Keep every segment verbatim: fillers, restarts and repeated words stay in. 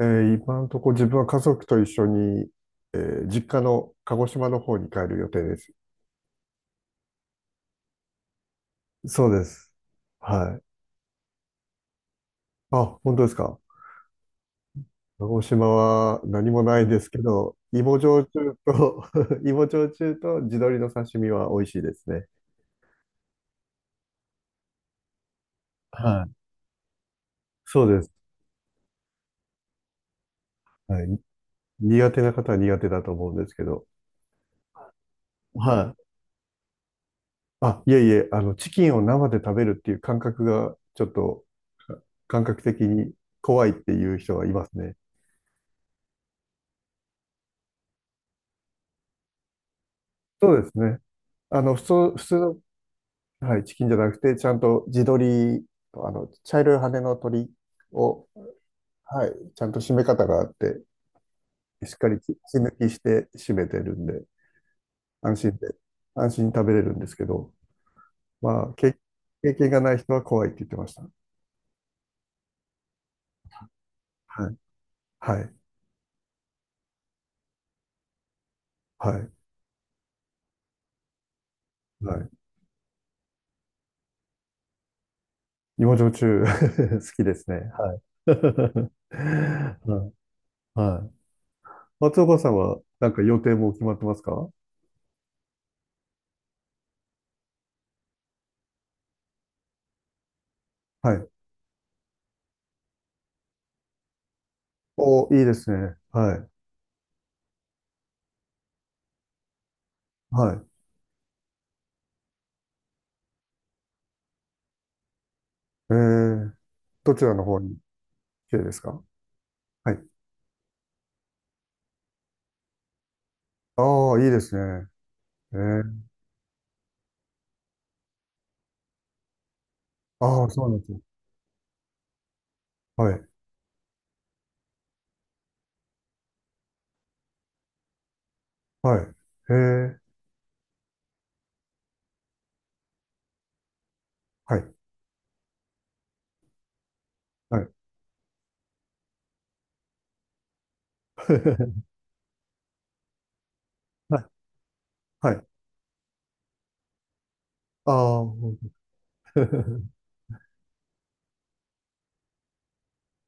えー今のところ自分は家族と一緒に、えー実家の鹿児島の方に帰る予定です。そうです。はい。あ、本当ですか？鹿児島は何もないですけど、芋焼酎と 芋焼酎と地鶏の刺身は美味しいですね。はい。そうです。はい。苦手な方は苦手だと思うんですけど。はい。あ、いえいえ、あの、チキンを生で食べるっていう感覚が、ちょっと、か感覚的に怖いっていう人はいますね。そうですね。あの、普通、普通の、はい、チキンじゃなくて、ちゃんと地鶏と、あの、茶色い羽の鳥を、はい、ちゃんと締め方があって、しっかり血血抜きして締めてるんで、安心で、安心に食べれるんですけど、まあ、経、経験がない人は怖いって言ってました。はい、はい、はい、はい。芋焼酎 好きですね。はい。はい。はい。松岡さんは、なんか予定も決まってますか？はい。お、いいですね。はい。はい。えー、どちらの方に？綺麗ですか？はい。ああ、いいですね。えー、ああ、そうなんですよ。はい。はい。へえ、はい。はい。はい。はい。ああ、ほんと。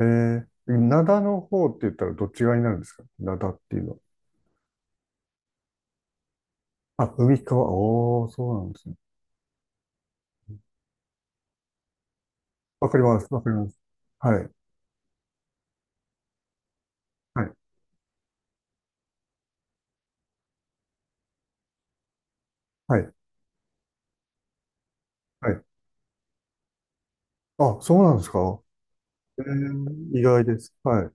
えー、灘の方って言ったらどっち側になるんですか？灘っていうのは。あ、海側。おー、そうなんですね。わかります。わかります。はい。はい。はい。はい。あ、そうなんですか？えー、意外です。はい。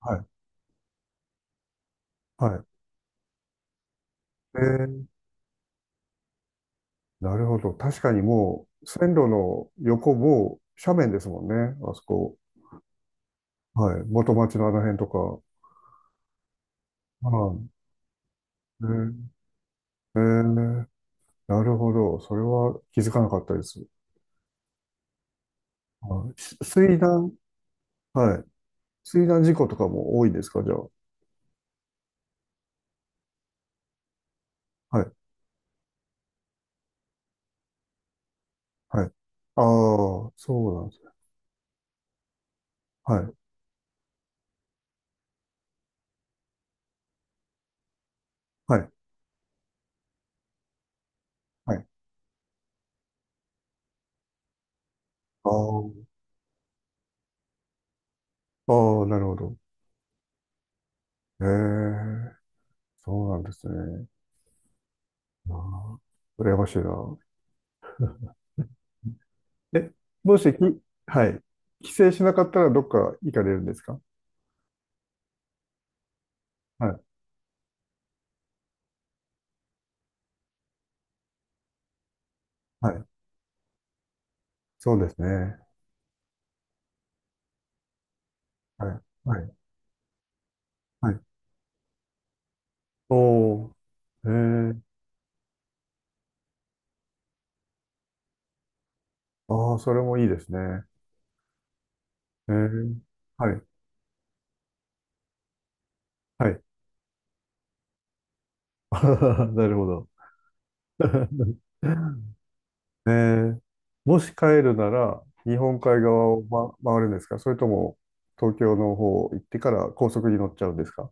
はい。はい。えーなるほど。確かにもう、線路の横も斜面ですもんね。あそこ。はい。元町のあの辺とか。はい。えー、えーなるほど。それは気づかなかったです。はい、し水難、はい。水難事故とかも多いですか、じゃあ？はい。はい。ああ、そうなんですね。はい。はい。はい。ああ、ああ、なるほど。ええ、そうなんですね。ああ、羨ましいな。え、もし、き、はい、帰省しなかったらどっか行かれるんですか？はい。はい。そうですね。はい。はい。はい。おー。えー。ああ、それもいいですね。えー。はい。はい。なるほど。えー。もし帰るなら、日本海側を、ま、回るんですか？それとも、東京の方行ってから高速に乗っちゃうんですか？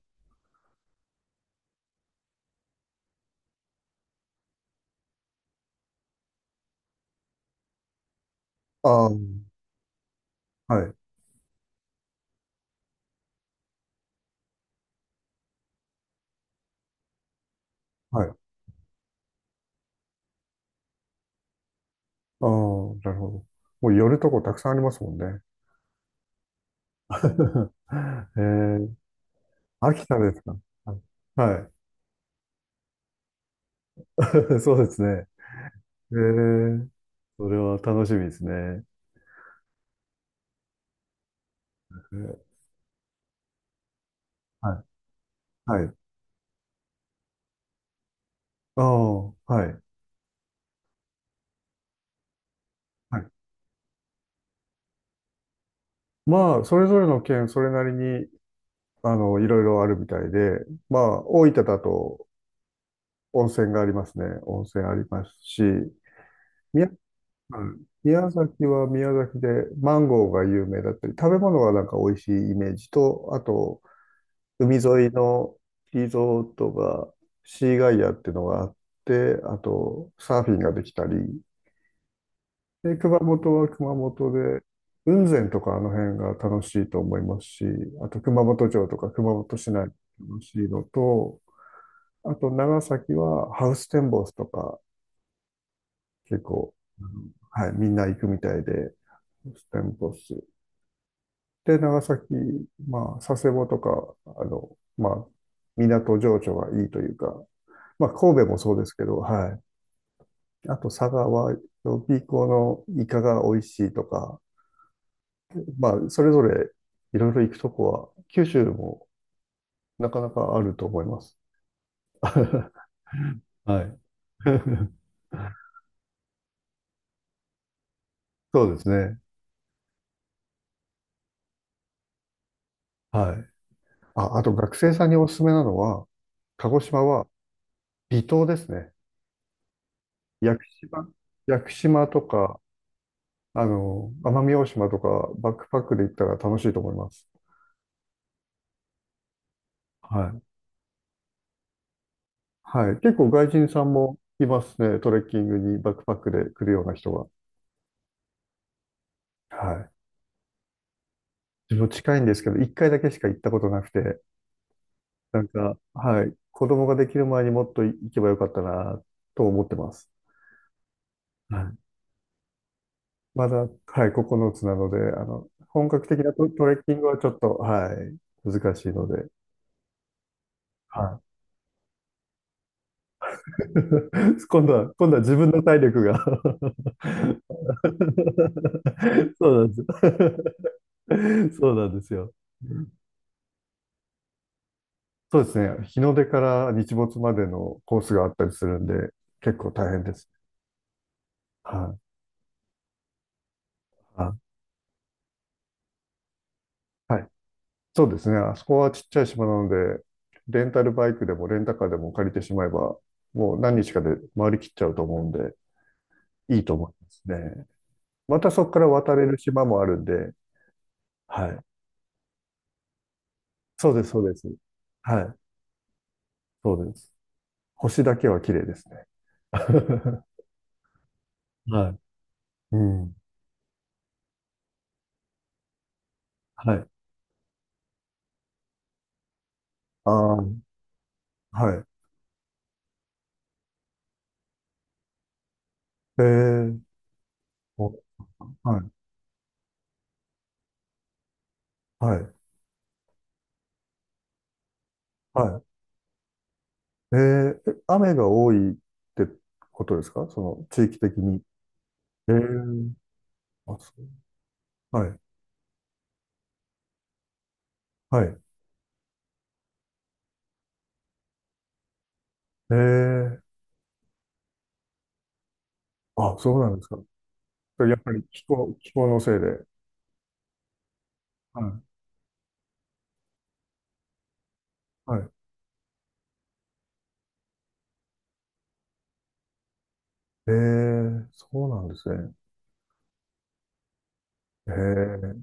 ああー、はい。はい。ああ、なるほど。もう寄るとこたくさんありますもんね。えー、秋田ですか？はい。そうですね。えー、それは楽しみですね。えーはい。はい。ああ、はい。はい。まあ、それぞれの県、それなりに、あの、いろいろあるみたいで、まあ、大分だと温泉がありますね。温泉ありますし、宮、うん宮崎は宮崎でマンゴーが有名だったり、食べ物がなんか美味しいイメージと、あと、海沿いのリゾートが、シーガイアっていうのがあって、あと、サーフィンができたり、で、熊本は熊本で、雲仙とかあの辺が楽しいと思いますし、あと熊本城とか熊本市内楽しいのと、あと長崎はハウステンボスとか結構、あの、はい、みんな行くみたいで、ハウステンボス。で、長崎、まあ、佐世保とか、あの、まあ、港情緒がいいというか、まあ、神戸もそうですけど、はい。あと、佐賀は、ピーコのイカが美味しいとか、まあ、それぞれいろいろ行くとこは、九州もなかなかあると思います。はい。そうですね。はい。あ、あと、学生さんにおすすめなのは、鹿児島は離島ですね。屋久島、屋久島とか、あの、奄美大島とか、バックパックで行ったら楽しいと思います。はい。はい。結構外人さんもいますね。トレッキングにバックパックで来るような人は。はい。自分近いんですけど、一回だけしか行ったことなくて、なんか、はい、子供ができる前にもっと行けばよかったな、と思ってます。はい。まだ、はい、ここのつなので、あの、本格的なト、トレッキングはちょっと、はい、難しいので、はい。今度は、今度は自分の体力が。 そうなんです。そうなんですよ。そうですね。日の出から日没までのコースがあったりするんで、結構大変です。はい。あ、はい。そうですね。あそこはちっちゃい島なので、レンタルバイクでもレンタカーでも借りてしまえば、もう何日かで回りきっちゃうと思うんで、いいと思いますね。またそこから渡れる島もあるんで、はい。そうです、そうです。はい。そうです。星だけは綺麗ですね。はい。うん。はい。ああ、はい。えー、おはい。はい。はい。えーえ雨が多いってことですか、その地域的に？えー、あ、そう。はい。はい。えー、あ、そうなんですか？やっぱり気候、気候のせいで。はい。はい。えー、そうなんですね。えー、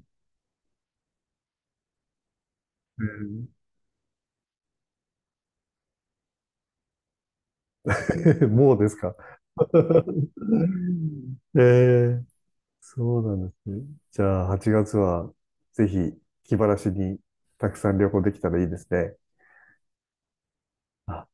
えー もうですか？えー、そうなんですね。じゃあ、はちがつはぜひ気晴らしにたくさん旅行できたらいいですね。あ